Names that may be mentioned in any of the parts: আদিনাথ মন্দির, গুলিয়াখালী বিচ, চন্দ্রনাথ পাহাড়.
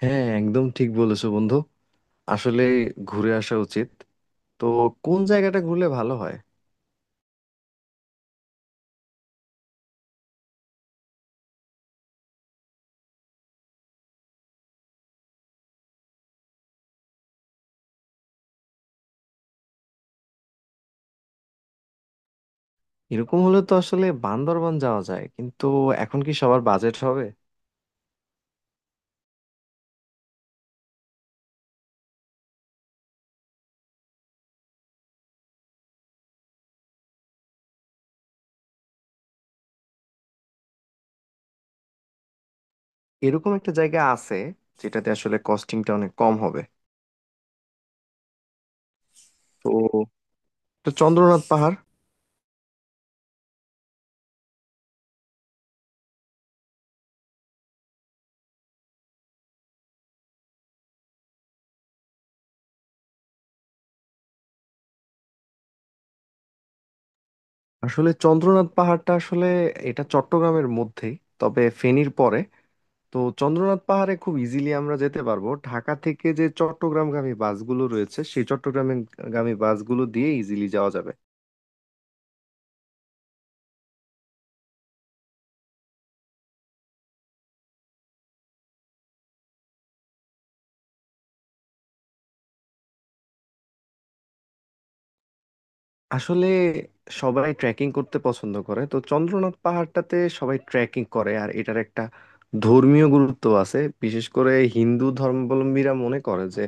হ্যাঁ, একদম ঠিক বলেছো বন্ধু। আসলে ঘুরে আসা উচিত। তো কোন জায়গাটা ঘুরলে ভালো হয়? এরকম হলে তো আসলে বান্দরবান যাওয়া যায়, কিন্তু এখন কি সবার বাজেট হবে? এরকম একটা জায়গা আছে যেটাতে আসলে কস্টিংটা অনেক কম হবে। তো তো চন্দ্রনাথ পাহাড়। আসলে চন্দ্রনাথ পাহাড়টা আসলে এটা চট্টগ্রামের মধ্যেই, তবে ফেনীর পরে। তো চন্দ্রনাথ পাহাড়ে খুব ইজিলি আমরা যেতে পারবো। ঢাকা থেকে যে চট্টগ্রামগামী বাসগুলো রয়েছে সেই চট্টগ্রামগামী বাসগুলো দিয়ে ইজিলি যাওয়া যাবে। আসলে সবাই ট্রেকিং করতে পছন্দ করে, তো চন্দ্রনাথ পাহাড়টাতে সবাই ট্রেকিং করে। আর এটার একটা ধর্মীয় গুরুত্ব আছে। বিশেষ করে হিন্দু ধর্মাবলম্বীরা মনে করে যে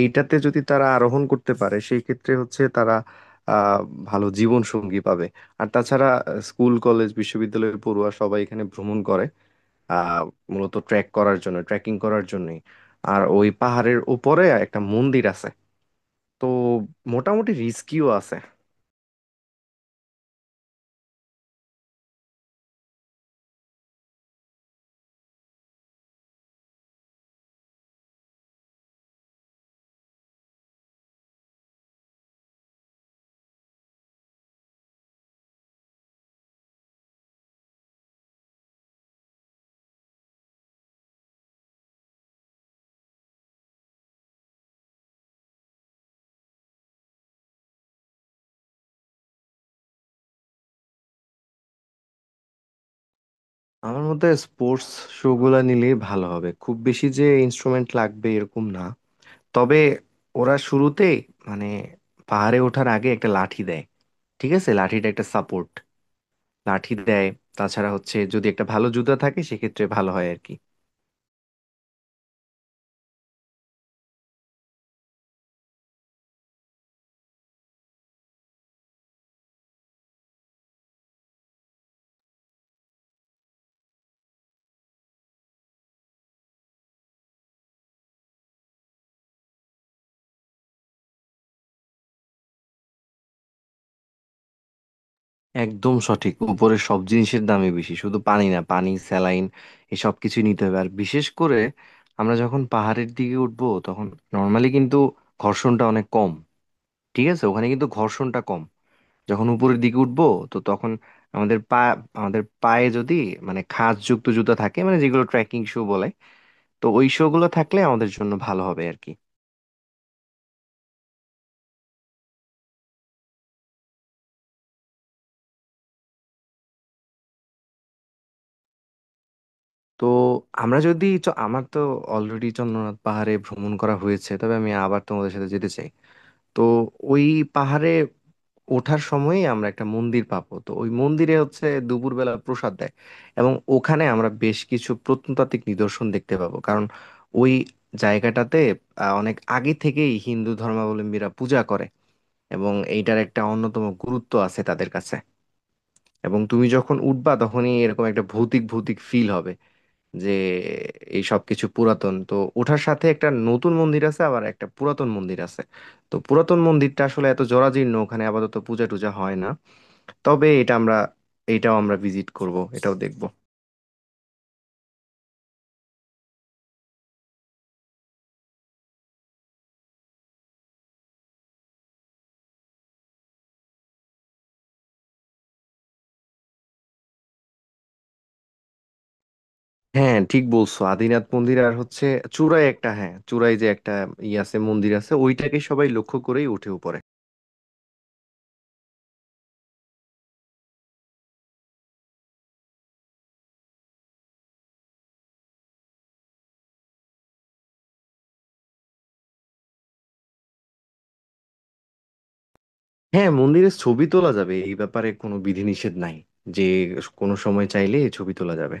এইটাতে যদি তারা আরোহণ করতে পারে, সেই ক্ষেত্রে হচ্ছে তারা আহ ভালো জীবন সঙ্গী পাবে। আর তাছাড়া স্কুল কলেজ বিশ্ববিদ্যালয়ের পড়ুয়া সবাই এখানে ভ্রমণ করে, আহ মূলত ট্রেক করার জন্য ট্রেকিং করার জন্যই। আর ওই পাহাড়ের উপরে একটা মন্দির আছে। তো মোটামুটি রিস্কিও আছে। আমার মতে স্পোর্টস শু গুলা নিলেই ভালো হবে। খুব বেশি যে ইনস্ট্রুমেন্ট লাগবে এরকম না। তবে ওরা শুরুতে মানে পাহাড়ে ওঠার আগে একটা লাঠি দেয়। ঠিক আছে, লাঠিটা একটা সাপোর্ট লাঠি দেয়। তাছাড়া হচ্ছে যদি একটা ভালো জুতা থাকে সেক্ষেত্রে ভালো হয় আর কি। একদম সঠিক। উপরে সব জিনিসের দামই বেশি, শুধু পানি না, পানি স্যালাইন এসব কিছুই নিতে হবে। আর বিশেষ করে আমরা যখন পাহাড়ের দিকে উঠবো তখন নর্মালি কিন্তু ঘর্ষণটা অনেক কম। ঠিক আছে, ওখানে কিন্তু ঘর্ষণটা কম। যখন উপরের দিকে উঠবো তো তখন আমাদের পা আমাদের পায়ে যদি মানে খাঁজযুক্ত জুতা থাকে, মানে যেগুলো ট্রেকিং শু বলে, তো ওই শু গুলো থাকলে আমাদের জন্য ভালো হবে আর কি। তো আমার তো অলরেডি চন্দ্রনাথ পাহাড়ে ভ্রমণ করা হয়েছে, তবে আমি আবার তোমাদের সাথে যেতে চাই। তো ওই পাহাড়ে ওঠার সময়ই আমরা একটা মন্দির পাবো। তো ওই মন্দিরে হচ্ছে দুপুরবেলা প্রসাদ দেয়। এবং ওখানে আমরা বেশ কিছু প্রত্নতাত্ত্বিক নিদর্শন দেখতে পাবো, কারণ ওই জায়গাটাতে অনেক আগে থেকেই হিন্দু ধর্মাবলম্বীরা পূজা করে, এবং এইটার একটা অন্যতম গুরুত্ব আছে তাদের কাছে। এবং তুমি যখন উঠবা তখনই এরকম একটা ভৌতিক ভৌতিক ফিল হবে যে এই সব কিছু পুরাতন। তো ওঠার সাথে একটা নতুন মন্দির আছে, আবার একটা পুরাতন মন্দির আছে। তো পুরাতন মন্দিরটা আসলে এত জরাজীর্ণ ওখানে আপাতত পূজা টুজা হয় না। তবে এটা আমরা এটাও আমরা ভিজিট করব, এটাও দেখব। হ্যাঁ, ঠিক বলছো, আদিনাথ মন্দির। আর হচ্ছে চূড়ায় একটা, হ্যাঁ, চূড়ায় যে একটা আছে, মন্দির আছে, ওইটাকে সবাই লক্ষ্য করেই উঠে উপরে। হ্যাঁ, মন্দিরের ছবি তোলা যাবে, এই ব্যাপারে কোনো বিধিনিষেধ নাই, যে কোনো সময় চাইলে ছবি তোলা যাবে।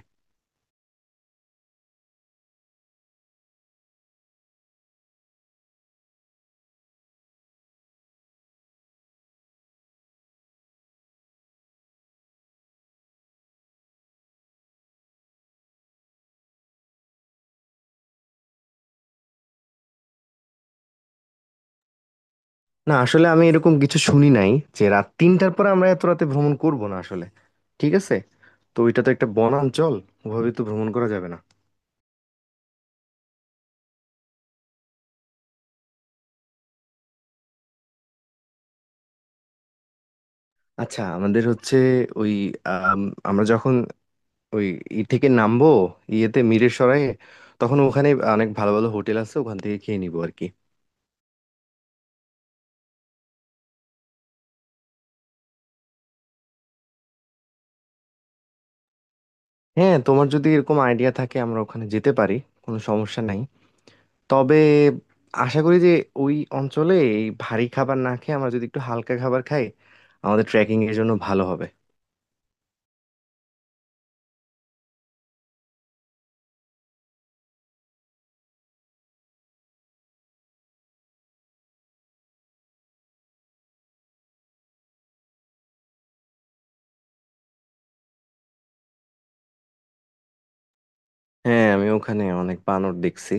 না, আসলে আমি এরকম কিছু শুনি নাই যে রাত তিনটার পরে আমরা এত রাতে ভ্রমণ করব না আসলে। ঠিক আছে। তো ওইটা তো একটা বনাঞ্চল, ওভাবে তো ভ্রমণ করা যাবে না। আচ্ছা, আমাদের হচ্ছে ওই আম, আমরা যখন ওই থেকে নামবো, ইয়েতে মিরের সরায়ে, তখন ওখানে অনেক ভালো ভালো হোটেল আছে, ওখান থেকে খেয়ে নিবো আর কি। হ্যাঁ, তোমার যদি এরকম আইডিয়া থাকে আমরা ওখানে যেতে পারি, কোনো সমস্যা নাই। তবে আশা করি যে ওই অঞ্চলে এই ভারী খাবার না খেয়ে আমরা যদি একটু হালকা খাবার খাই আমাদের ট্রেকিং এর জন্য ভালো হবে। হ্যাঁ, আমি ওখানে অনেক বানর দেখছি।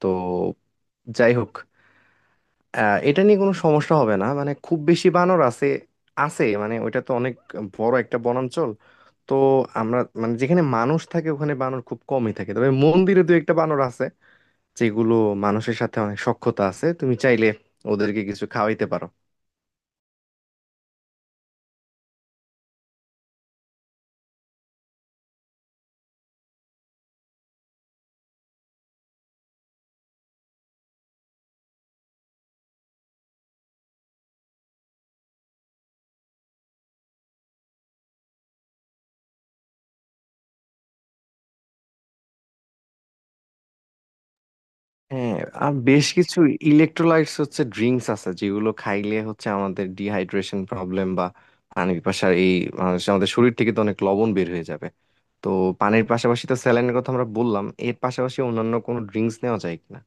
তো যাই হোক, এটা নিয়ে কোনো সমস্যা হবে না। মানে খুব বেশি বানর আছে, আছে মানে ওইটা তো অনেক বড় একটা বনাঞ্চল। তো আমরা মানে যেখানে মানুষ থাকে ওখানে বানর খুব কমই থাকে, তবে মন্দিরে দু একটা বানর আছে যেগুলো মানুষের সাথে অনেক সখ্যতা আছে। তুমি চাইলে ওদেরকে কিছু খাওয়াইতে পারো। হ্যাঁ, আর বেশ কিছু ইলেকট্রোলাইটস হচ্ছে ড্রিঙ্কস আছে যেগুলো খাইলে হচ্ছে আমাদের ডিহাইড্রেশন প্রবলেম বা পানি পিপাসার এই আমাদের শরীর থেকে তো অনেক লবণ বের হয়ে যাবে। তো পানির পাশাপাশি তো স্যালাইনের কথা আমরা বললাম, এর পাশাপাশি অন্যান্য কোনো ড্রিঙ্কস নেওয়া যায় কিনা?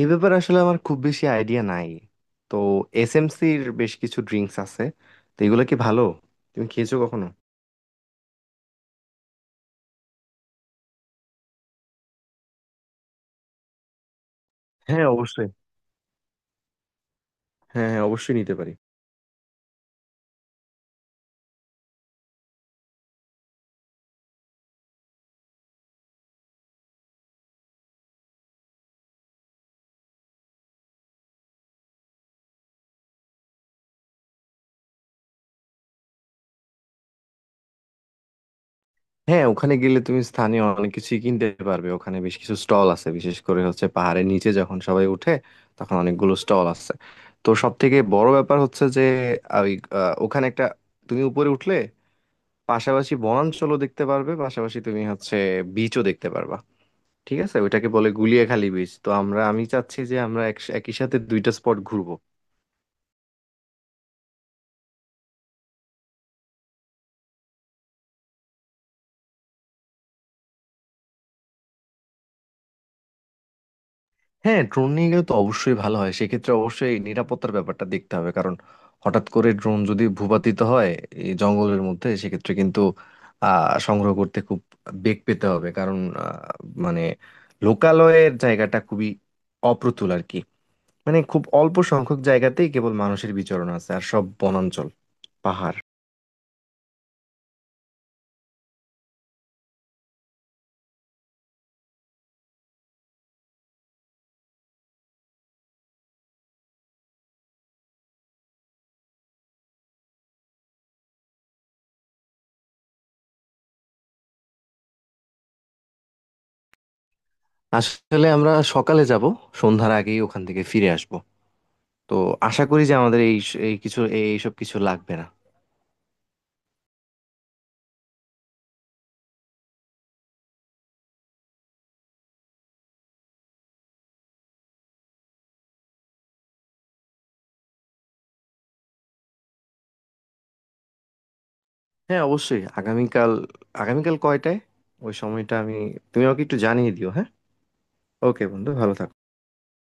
এই ব্যাপারে আসলে আমার খুব বেশি আইডিয়া নাই। তো এসএমসির বেশ কিছু ড্রিঙ্কস আছে, তো এগুলো কি ভালো? তুমি খেয়েছো কখনো? হ্যাঁ অবশ্যই, হ্যাঁ হ্যাঁ অবশ্যই নিতে পারি। হ্যাঁ, ওখানে গেলে তুমি স্থানীয় অনেক কিছুই কিনতে পারবে। ওখানে বেশ কিছু স্টল আছে, বিশেষ করে হচ্ছে পাহাড়ের নিচে যখন সবাই উঠে তখন অনেকগুলো স্টল আছে। তো সব থেকে বড় ব্যাপার হচ্ছে যে ওই ওখানে একটা, তুমি উপরে উঠলে পাশাপাশি বনাঞ্চলও দেখতে পারবে, পাশাপাশি তুমি হচ্ছে বিচও দেখতে পারবা। ঠিক আছে, ওইটাকে বলে গুলিয়াখালী বিচ। তো আমি চাচ্ছি যে আমরা একই সাথে দুইটা স্পট ঘুরবো। হ্যাঁ, ড্রোন নিয়ে গেলে তো অবশ্যই ভালো হয়, সেক্ষেত্রে অবশ্যই নিরাপত্তার ব্যাপারটা দেখতে হবে। কারণ হঠাৎ করে ড্রোন যদি ভূপাতিত হয় এই জঙ্গলের মধ্যে, সেক্ষেত্রে কিন্তু সংগ্রহ করতে খুব বেগ পেতে হবে। কারণ আহ, মানে লোকালয়ের জায়গাটা খুবই অপ্রতুল আর কি। মানে খুব অল্প সংখ্যক জায়গাতেই কেবল মানুষের বিচরণ আছে, আর সব বনাঞ্চল, পাহাড়। আসলে আমরা সকালে যাব, সন্ধ্যার আগেই ওখান থেকে ফিরে আসব। তো আশা করি যে আমাদের এই এই কিছু এই- এইসব কিছু লাগবে না। হ্যাঁ অবশ্যই। আগামীকাল আগামীকাল কয়টায়? ওই সময়টা তুমি আমাকে একটু জানিয়ে দিও, হ্যাঁ। ওকে বন্ধু, ভালো থাকো।